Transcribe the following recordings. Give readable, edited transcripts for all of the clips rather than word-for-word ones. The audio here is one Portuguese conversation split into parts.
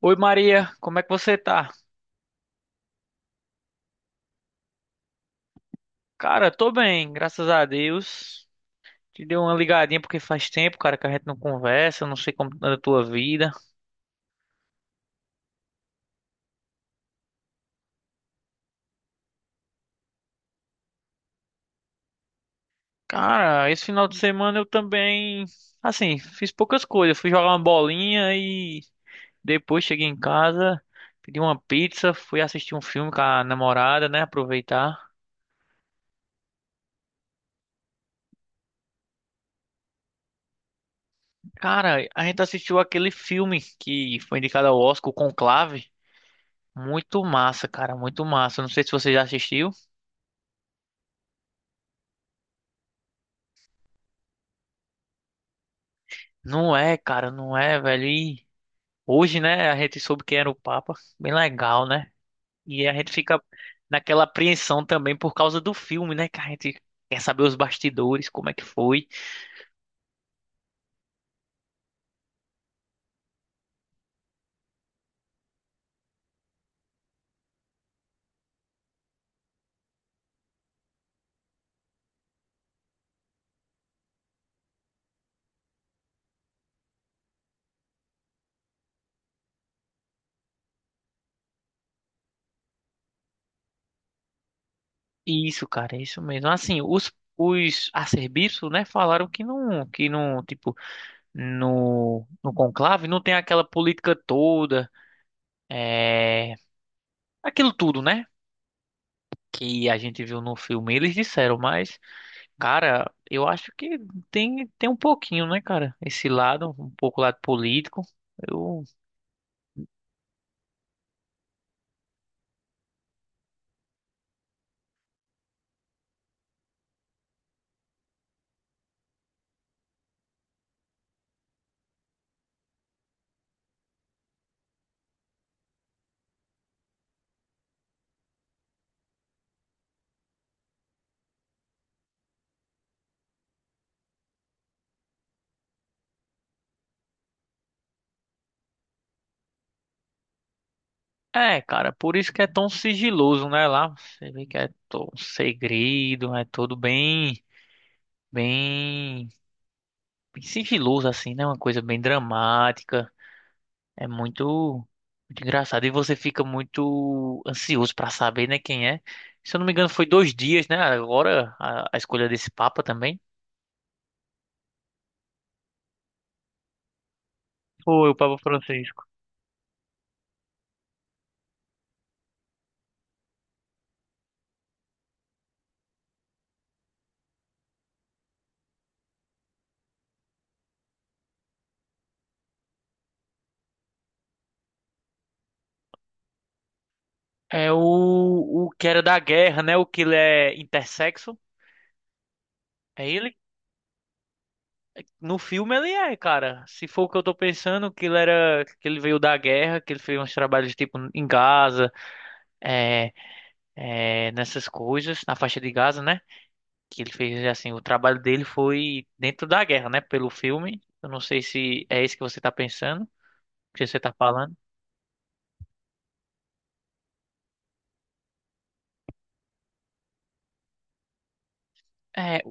Oi Maria, como é que você tá? Cara, tô bem, graças a Deus. Te dei uma ligadinha porque faz tempo, cara, que a gente não conversa, não sei como anda a tua vida. Cara, esse final de semana eu também, assim, fiz poucas coisas. Fui jogar uma bolinha e depois cheguei em casa, pedi uma pizza, fui assistir um filme com a namorada, né, aproveitar. Cara, a gente assistiu aquele filme que foi indicado ao Oscar, o Conclave. Muito massa, cara, muito massa. Não sei se você já assistiu. Não é, cara, não é, velho. E hoje, né, a gente soube quem era o Papa. Bem legal, né? E a gente fica naquela apreensão também por causa do filme, né? Que a gente quer saber os bastidores, como é que foi. E isso, cara, é isso mesmo. Assim, os arcebispos, né, falaram que não, tipo, no conclave não tem aquela política toda, é, aquilo tudo, né? Que a gente viu no filme. Eles disseram, mas. Cara, eu acho que tem um pouquinho, né, cara? Esse lado, um pouco lado político. Eu... É, cara, por isso que é tão sigiloso, né? Lá você vê que é todo segredo, é tudo bem, bem, bem sigiloso, assim, né? Uma coisa bem dramática. É muito, muito engraçado. E você fica muito ansioso pra saber, né, quem é. Se eu não me engano, foi dois dias, né? Agora a escolha desse Papa também. Foi o Papa Francisco. É o que era da guerra, né? O que ele é intersexo. É ele? No filme ele é, cara. Se for o que eu tô pensando, que ele era, que ele veio da guerra, que ele fez uns trabalhos tipo em Gaza, é, nessas coisas, na faixa de Gaza, né? Que ele fez assim, o trabalho dele foi dentro da guerra, né? Pelo filme. Eu não sei se é esse que você tá pensando, que você tá falando. É,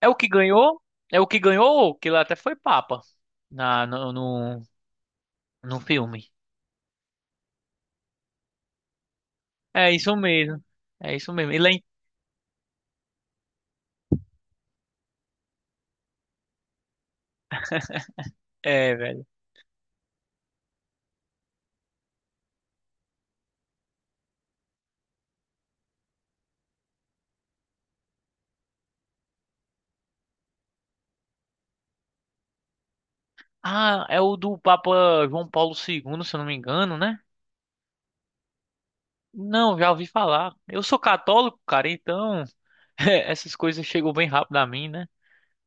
é o que ganhou, é o que ganhou, que ele até foi papa na, no, no, no filme. É isso mesmo. É isso mesmo. Ele é, velho. Ah, é o do Papa João Paulo II, se eu não me engano, né? Não, já ouvi falar. Eu sou católico, cara, então essas coisas chegam bem rápido a mim, né?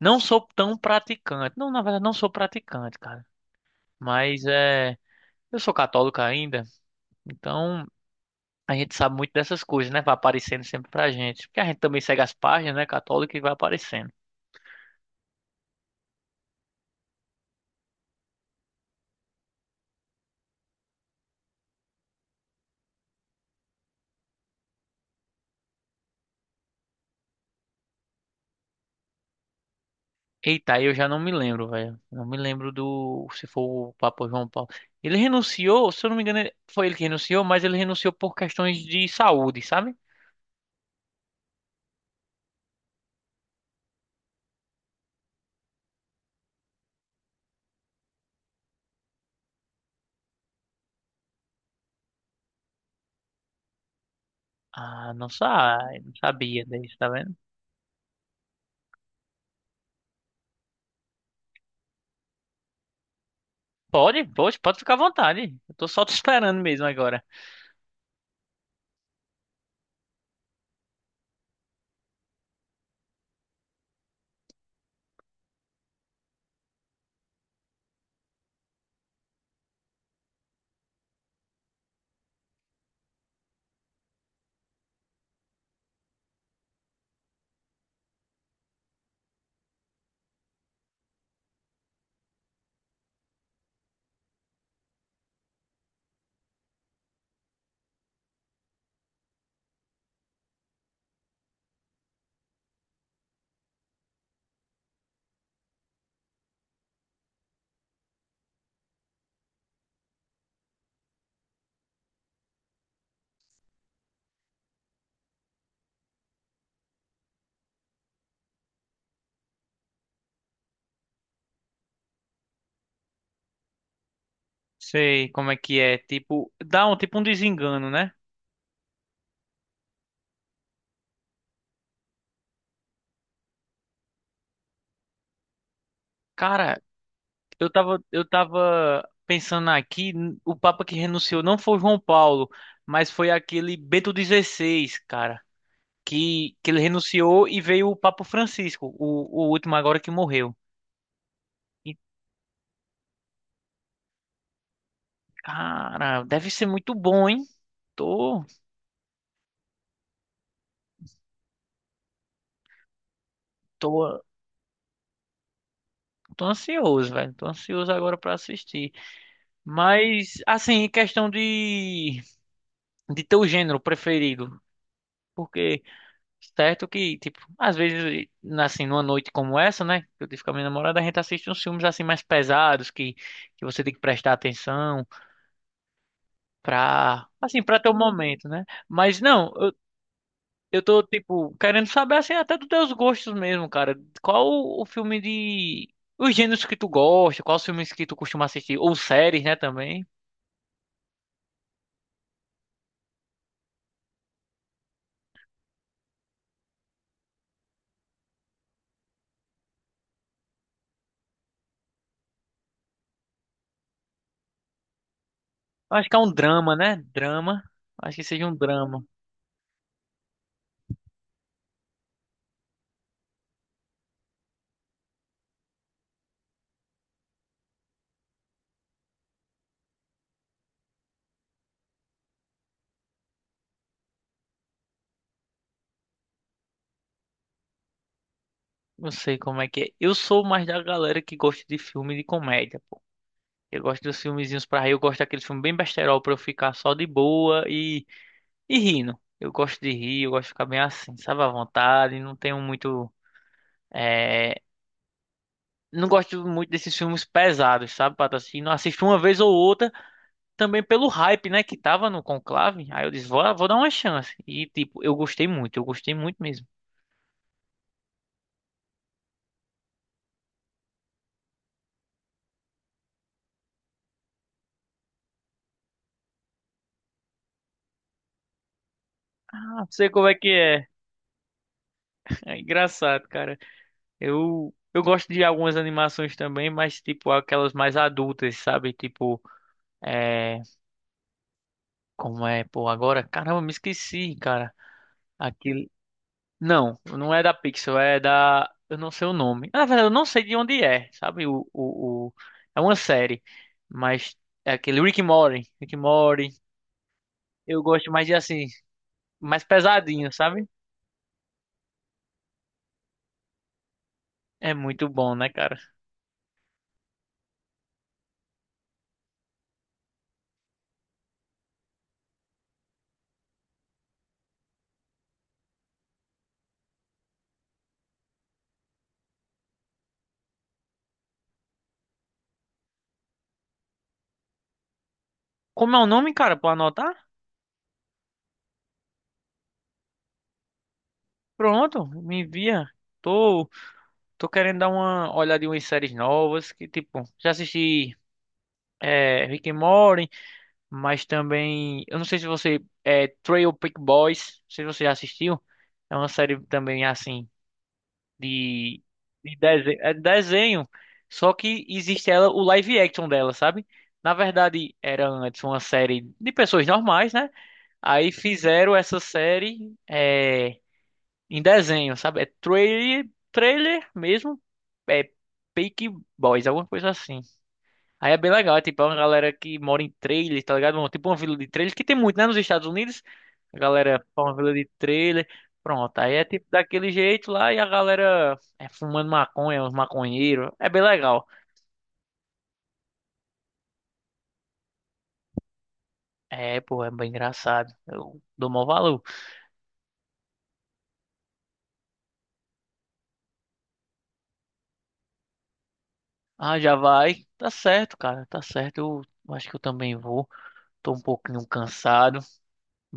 Não sou tão praticante. Não, na verdade, não sou praticante, cara. Mas eu sou católico ainda, então a gente sabe muito dessas coisas, né? Vai aparecendo sempre pra gente. Porque a gente também segue as páginas, né, católica e vai aparecendo. Eita, aí eu já não me lembro, velho. Não me lembro do. Se for o Papa João Paulo. Ele renunciou, se eu não me engano, foi ele que renunciou, mas ele renunciou por questões de saúde, sabe? Ah, não, não sabia disso, tá vendo? Pode, pode, pode ficar à vontade. Eu tô só te esperando mesmo agora. Sei como é que é. Tipo, dá um tipo um desengano, né? Cara, eu tava pensando aqui, o Papa que renunciou não foi João Paulo, mas foi aquele Bento XVI, cara, que ele renunciou e veio o Papa Francisco, o último agora que morreu. E, cara, deve ser muito bom, hein? Tô, tô, tô ansioso, velho. Tô ansioso agora pra assistir. Mas, assim, em questão de teu gênero preferido. Porque, certo que, tipo, às vezes, assim, numa noite como essa, né? Que eu tive com a minha namorada, a gente assiste uns filmes, assim, mais pesados, que você tem que prestar atenção pra, assim, pra teu momento, né? Mas não, eu tô, tipo, querendo saber, assim, até dos teus gostos mesmo, cara. Qual o filme de... Os gêneros que tu gosta, quais os filmes que tu costuma assistir, ou séries, né, também. Eu acho que é um drama, né? Drama. Acho que seja um drama. Não sei como é que é. Eu sou mais da galera que gosta de filme de comédia, pô. Eu gosto dos filmezinhos pra rir, eu gosto daqueles filmes bem besterol pra eu ficar só de boa e rindo. Eu gosto de rir, eu gosto de ficar bem assim, sabe, à vontade, não tenho muito... eh, não gosto muito desses filmes pesados, sabe, Pato? Assim, não assisto uma vez ou outra, também pelo hype, né, que tava no Conclave. Aí eu disse, vou dar uma chance. E, tipo, eu gostei muito mesmo. Ah, sei como é que é. É engraçado, cara. Eu gosto de algumas animações também, mas, tipo, aquelas mais adultas, sabe? Tipo, é. Como é, pô, agora? Caramba, me esqueci, cara. Aquele. Não, não é da Pixel, é da. Eu não sei o nome. Na verdade, eu não sei de onde é, sabe? É uma série, mas é aquele Rick and Morty. Rick and Morty. Eu gosto mais de assim, mais pesadinho, sabe? É muito bom, né, cara? Como é o nome, cara? Pra anotar? Pronto, me envia. Tô, tô querendo dar uma olhadinha em umas séries novas que, tipo, já assisti Rick and Morty. Mas também, eu não sei se você é Trail Peak Boys, não sei se você já assistiu. É uma série também assim de desenho, é desenho, só que existe ela o live action dela, sabe? Na verdade, era antes uma série de pessoas normais, né? Aí fizeram essa série em desenho, sabe? É trailer, trailer mesmo, é Peak Boys, alguma coisa assim. Aí é bem legal, é tipo é uma galera que mora em trailer, tá ligado? Bom, tipo uma vila de trailer, que tem muito, né, nos Estados Unidos. A galera forma uma vila de trailer. Pronto, aí é tipo daquele jeito lá e a galera é fumando maconha, uns maconheiros. É bem legal. É, pô, é bem engraçado. Eu dou maior valor. Ah, já vai. Tá certo, cara, tá certo. Eu acho que eu também vou. Tô um pouquinho cansado.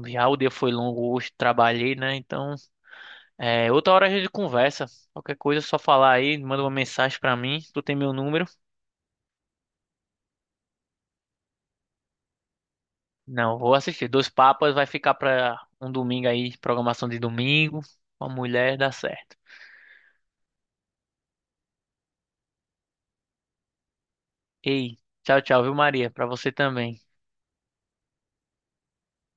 Já o dia foi longo hoje, trabalhei, né? Então. É, outra hora a gente conversa. Qualquer coisa é só falar aí, manda uma mensagem pra mim. Tu tem meu número? Não, vou assistir. Dois Papas vai ficar pra um domingo aí, programação de domingo. Uma mulher dá certo. Ei, tchau, tchau, viu, Maria? Pra você também.